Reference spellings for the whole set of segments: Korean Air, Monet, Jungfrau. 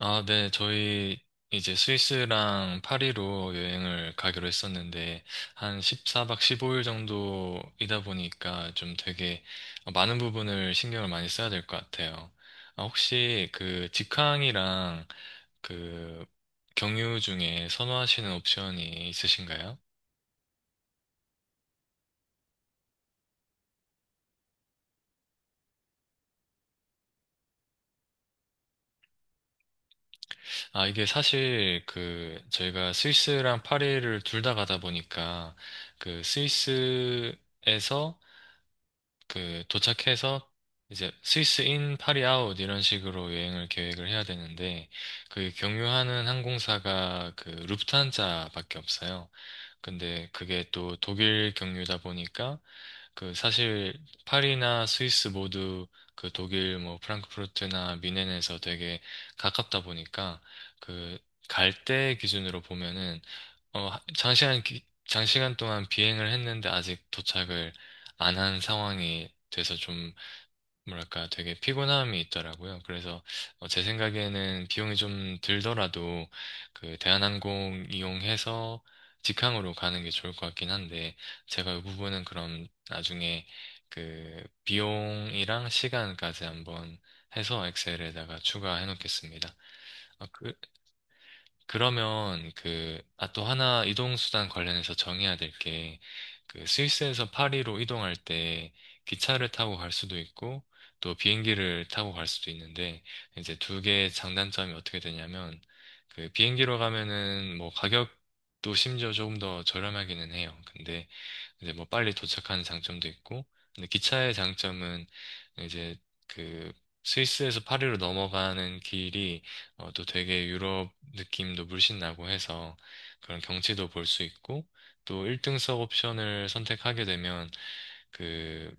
아, 네, 저희 이제 스위스랑 파리로 여행을 가기로 했었는데, 한 14박 15일 정도이다 보니까 좀 되게 많은 부분을 신경을 많이 써야 될 것 같아요. 아, 혹시 그 직항이랑 그 경유 중에 선호하시는 옵션이 있으신가요? 아, 이게 사실 그 저희가 스위스랑 파리를 둘 다 가다 보니까 그 스위스 에서 그 도착해서 이제 스위스 인, 파리 아웃 이런 식으로 여행을 계획을 해야 되는데 그 경유하는 항공사가 그 루프트한자밖에 없어요. 근데 그게 또 독일 경유다 보니까 그 사실 파리나 스위스 모두 그 독일 뭐 프랑크푸르트나 뮌헨에서 되게 가깝다 보니까 그 갈 때 기준으로 보면은 장시간 동안 비행을 했는데 아직 도착을 안 한 상황이 돼서 뭐랄까 되게 피곤함이 있더라고요. 그래서 제 생각에는 비용이 좀 들더라도 그 대한항공 이용해서 직항으로 가는 게 좋을 것 같긴 한데 제가 이 부분은 그럼 나중에 그 비용이랑 시간까지 한번 해서 엑셀에다가 추가해 놓겠습니다. 아, 그 그러면 그, 아, 또 하나 이동수단 관련해서 정해야 될 게, 그 스위스에서 파리로 이동할 때 기차를 타고 갈 수도 있고, 또 비행기를 타고 갈 수도 있는데, 이제 두 개의 장단점이 어떻게 되냐면, 그 비행기로 가면은 뭐 가격도 심지어 조금 더 저렴하기는 해요. 근데 이제 뭐 빨리 도착하는 장점도 있고, 근데 기차의 장점은 이제 그 스위스에서 파리로 넘어가는 길이 어, 또 되게 유럽 느낌도 물씬 나고 해서 그런 경치도 볼 수 있고, 또 1등석 옵션을 선택하게 되면 그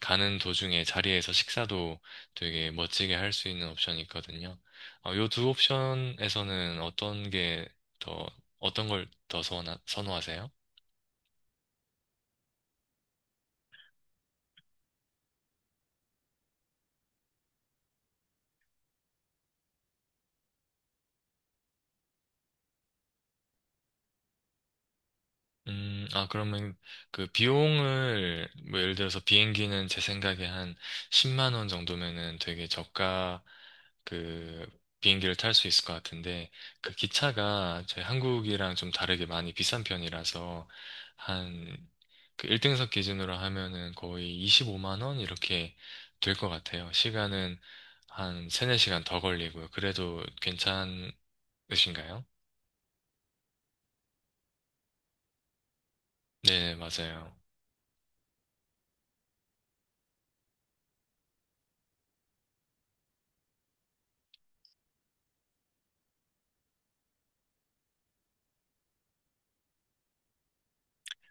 가는 도중에 자리에서 식사도 되게 멋지게 할 수 있는 옵션이 있거든요. 어, 요 두 옵션에서는 더, 어떤 걸 더 선호하세요? 아, 그러면 그 비용을, 뭐 예를 들어서 비행기는 제 생각에 한 10만 원 정도면은 되게 저가 그 비행기를 탈 수 있을 것 같은데 그 기차가 저희 한국이랑 좀 다르게 많이 비싼 편이라서 한 그 1등석 기준으로 하면은 거의 25만 원 이렇게 될 것 같아요. 시간은 한 3, 4시간 더 걸리고요. 그래도 괜찮으신가요? 네, 맞아요.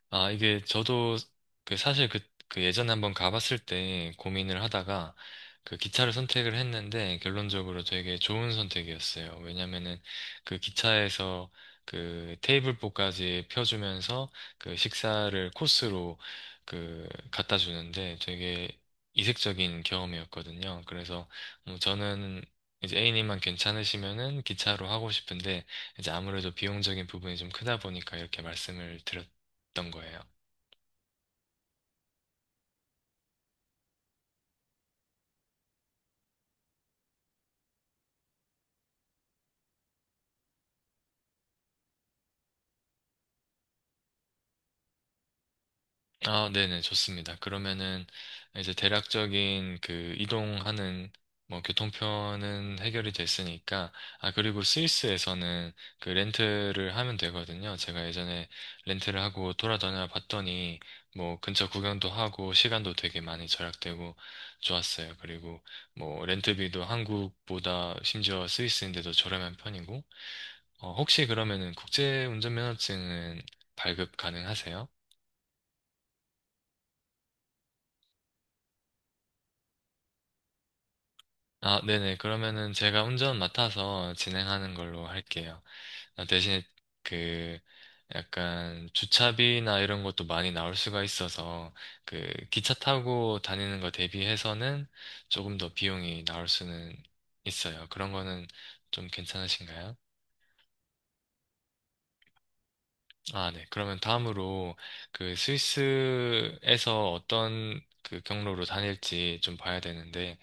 아, 이게 저도 그 사실 그, 그 예전에 한번 가봤을 때 고민을 하다가 그 기차를 선택을 했는데 결론적으로 되게 좋은 선택이었어요. 왜냐면은 그 기차에서 그 테이블보까지 펴주면서 그 식사를 코스로 그 갖다 주는데 되게 이색적인 경험이었거든요. 그래서 뭐 저는 이제 A님만 괜찮으시면은 기차로 하고 싶은데 이제 아무래도 비용적인 부분이 좀 크다 보니까 이렇게 말씀을 드렸어요. 어떤 거예요? 아, 네네, 좋습니다. 그러면은 이제 대략적인 그 이동하는 뭐 교통편은 해결이 됐으니까 아 그리고 스위스에서는 그 렌트를 하면 되거든요. 제가 예전에 렌트를 하고 돌아다녀 봤더니 뭐 근처 구경도 하고 시간도 되게 많이 절약되고 좋았어요. 그리고 뭐 렌트비도 한국보다 심지어 스위스인데도 저렴한 편이고 어, 혹시 그러면은 국제 운전면허증은 발급 가능하세요? 아, 네네. 그러면은 제가 운전 맡아서 진행하는 걸로 할게요. 아, 대신에 그 약간 주차비나 이런 것도 많이 나올 수가 있어서 그 기차 타고 다니는 거 대비해서는 조금 더 비용이 나올 수는 있어요. 그런 거는 좀 괜찮으신가요? 아, 네. 그러면 다음으로 그 스위스에서 어떤 그 경로로 다닐지 좀 봐야 되는데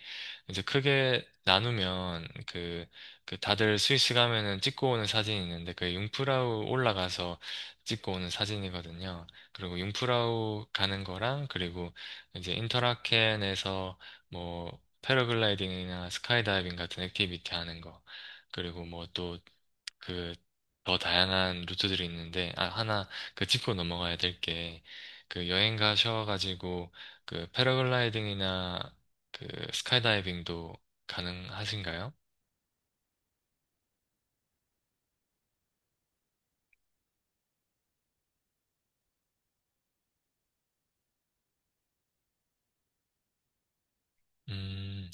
이제 크게 나누면 그, 그 다들 스위스 가면은 찍고 오는 사진이 있는데 그게 융프라우 올라가서 찍고 오는 사진이거든요. 그리고 융프라우 가는 거랑 그리고 이제 인터라켄에서 뭐 패러글라이딩이나 스카이다이빙 같은 액티비티 하는 거. 그리고 뭐또 그 더 다양한 루트들이 있는데 아 하나 그 짚고 넘어가야 될 게 그 여행 가셔가지고 그 패러글라이딩이나 그 스카이다이빙도 가능하신가요? 음,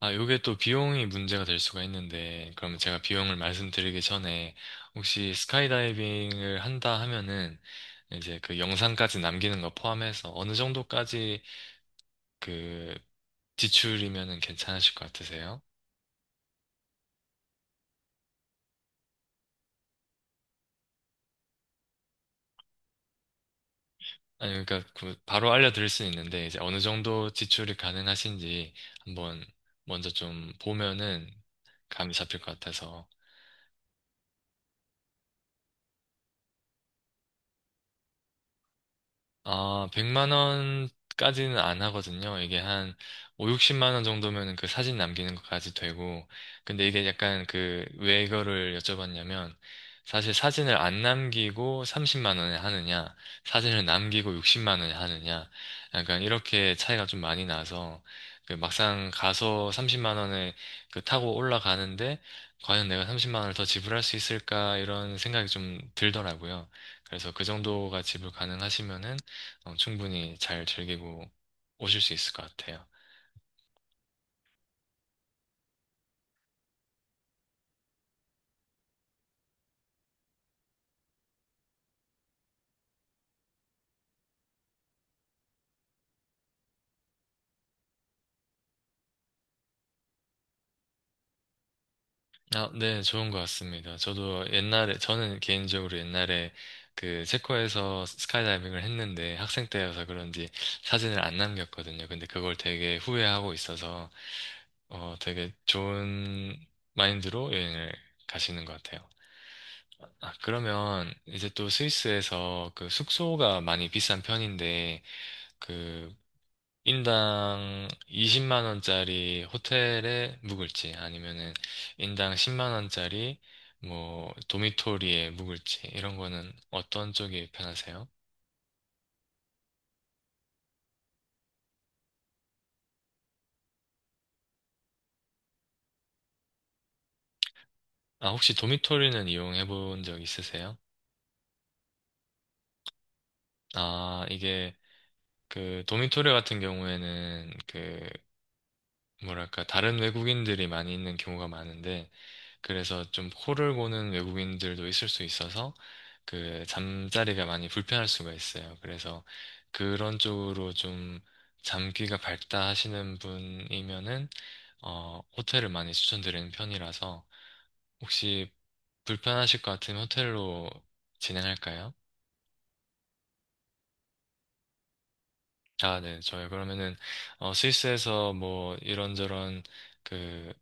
아 요게 또 비용이 문제가 될 수가 있는데 그러면 제가 비용을 말씀드리기 전에 혹시 스카이다이빙을 한다 하면은 이제 그 영상까지 남기는 거 포함해서 어느 정도까지 그 지출이면은 괜찮으실 것 같으세요? 아니, 그러니까 그 바로 알려드릴 수는 있는데 이제 어느 정도 지출이 가능하신지 한번 먼저 좀 보면은 감이 잡힐 것 같아서 아, 100만 원까지는 안 하거든요. 이게 한오 60만 원 정도면 그 사진 남기는 것까지 되고. 근데 이게 약간 그, 왜 이거를 여쭤봤냐면, 사실 사진을 안 남기고 30만 원에 하느냐, 사진을 남기고 60만 원에 하느냐, 약간 이렇게 차이가 좀 많이 나서, 그 막상 가서 30만 원에 그 타고 올라가는데, 과연 내가 30만 원을 더 지불할 수 있을까, 이런 생각이 좀 들더라고요. 그래서 그 정도가 지불 가능하시면은 어, 충분히 잘 즐기고 오실 수 있을 것 같아요. 아, 네, 좋은 것 같습니다. 저도 옛날에, 저는 개인적으로 옛날에 그 체코에서 스카이다이빙을 했는데 학생 때여서 그런지 사진을 안 남겼거든요. 근데 그걸 되게 후회하고 있어서 어, 되게 좋은 마인드로 여행을 가시는 것 같아요. 아, 그러면 이제 또 스위스에서 그 숙소가 많이 비싼 편인데 그 인당 20만 원짜리 호텔에 묵을지 아니면은 인당 10만 원짜리 뭐 도미토리에 묵을지 이런 거는 어떤 쪽이 편하세요? 아 혹시 도미토리는 이용해 본 적 있으세요? 아 이게 그 도미토리 같은 경우에는 그 뭐랄까 다른 외국인들이 많이 있는 경우가 많은데 그래서 좀 코를 고는 외국인들도 있을 수 있어서 그 잠자리가 많이 불편할 수가 있어요. 그래서 그런 쪽으로 좀 잠귀가 밝다 하시는 분이면은 어 호텔을 많이 추천드리는 편이라서 혹시 불편하실 것 같으면 호텔로 진행할까요? 아, 네. 저희 그러면은 어 스위스에서 뭐 이런저런 그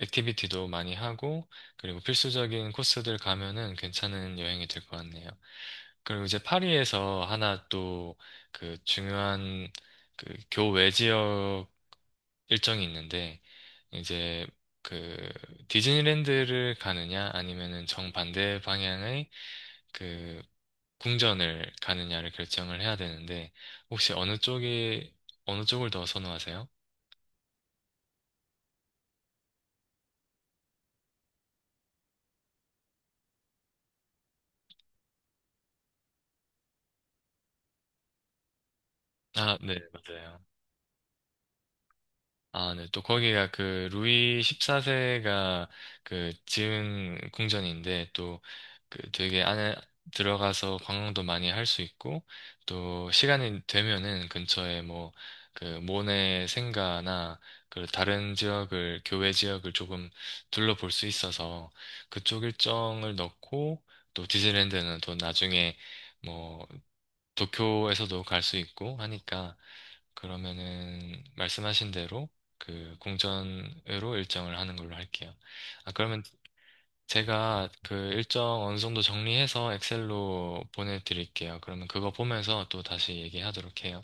액티비티도 많이 하고, 그리고 필수적인 코스들 가면은 괜찮은 여행이 될 것 같네요. 그리고 이제 파리에서 하나 또 그 중요한 그 교외 지역 일정이 있는데, 이제 그 디즈니랜드를 가느냐 아니면은 정반대 방향의 그 궁전을 가느냐를 결정을 해야 되는데, 혹시 어느 쪽이, 어느 쪽을 더 선호하세요? 아, 네, 맞아요. 아, 네. 또 거기가 그 루이 14세가 그 지은 궁전인데 또 그 되게 안에 들어가서 관광도 많이 할 수 있고 또 시간이 되면은 근처에 뭐 그 모네 생가나 그 다른 지역을 교외 지역을 조금 둘러볼 수 있어서 그쪽 일정을 넣고 또 디즈니랜드는 또 나중에 뭐 도쿄에서도 갈 수 있고 하니까 그러면은 말씀하신 대로 그 공전으로 일정을 하는 걸로 할게요. 아, 그러면 제가 그 일정 어느 정도 정리해서 엑셀로 보내드릴게요. 그러면 그거 보면서 또 다시 얘기하도록 해요.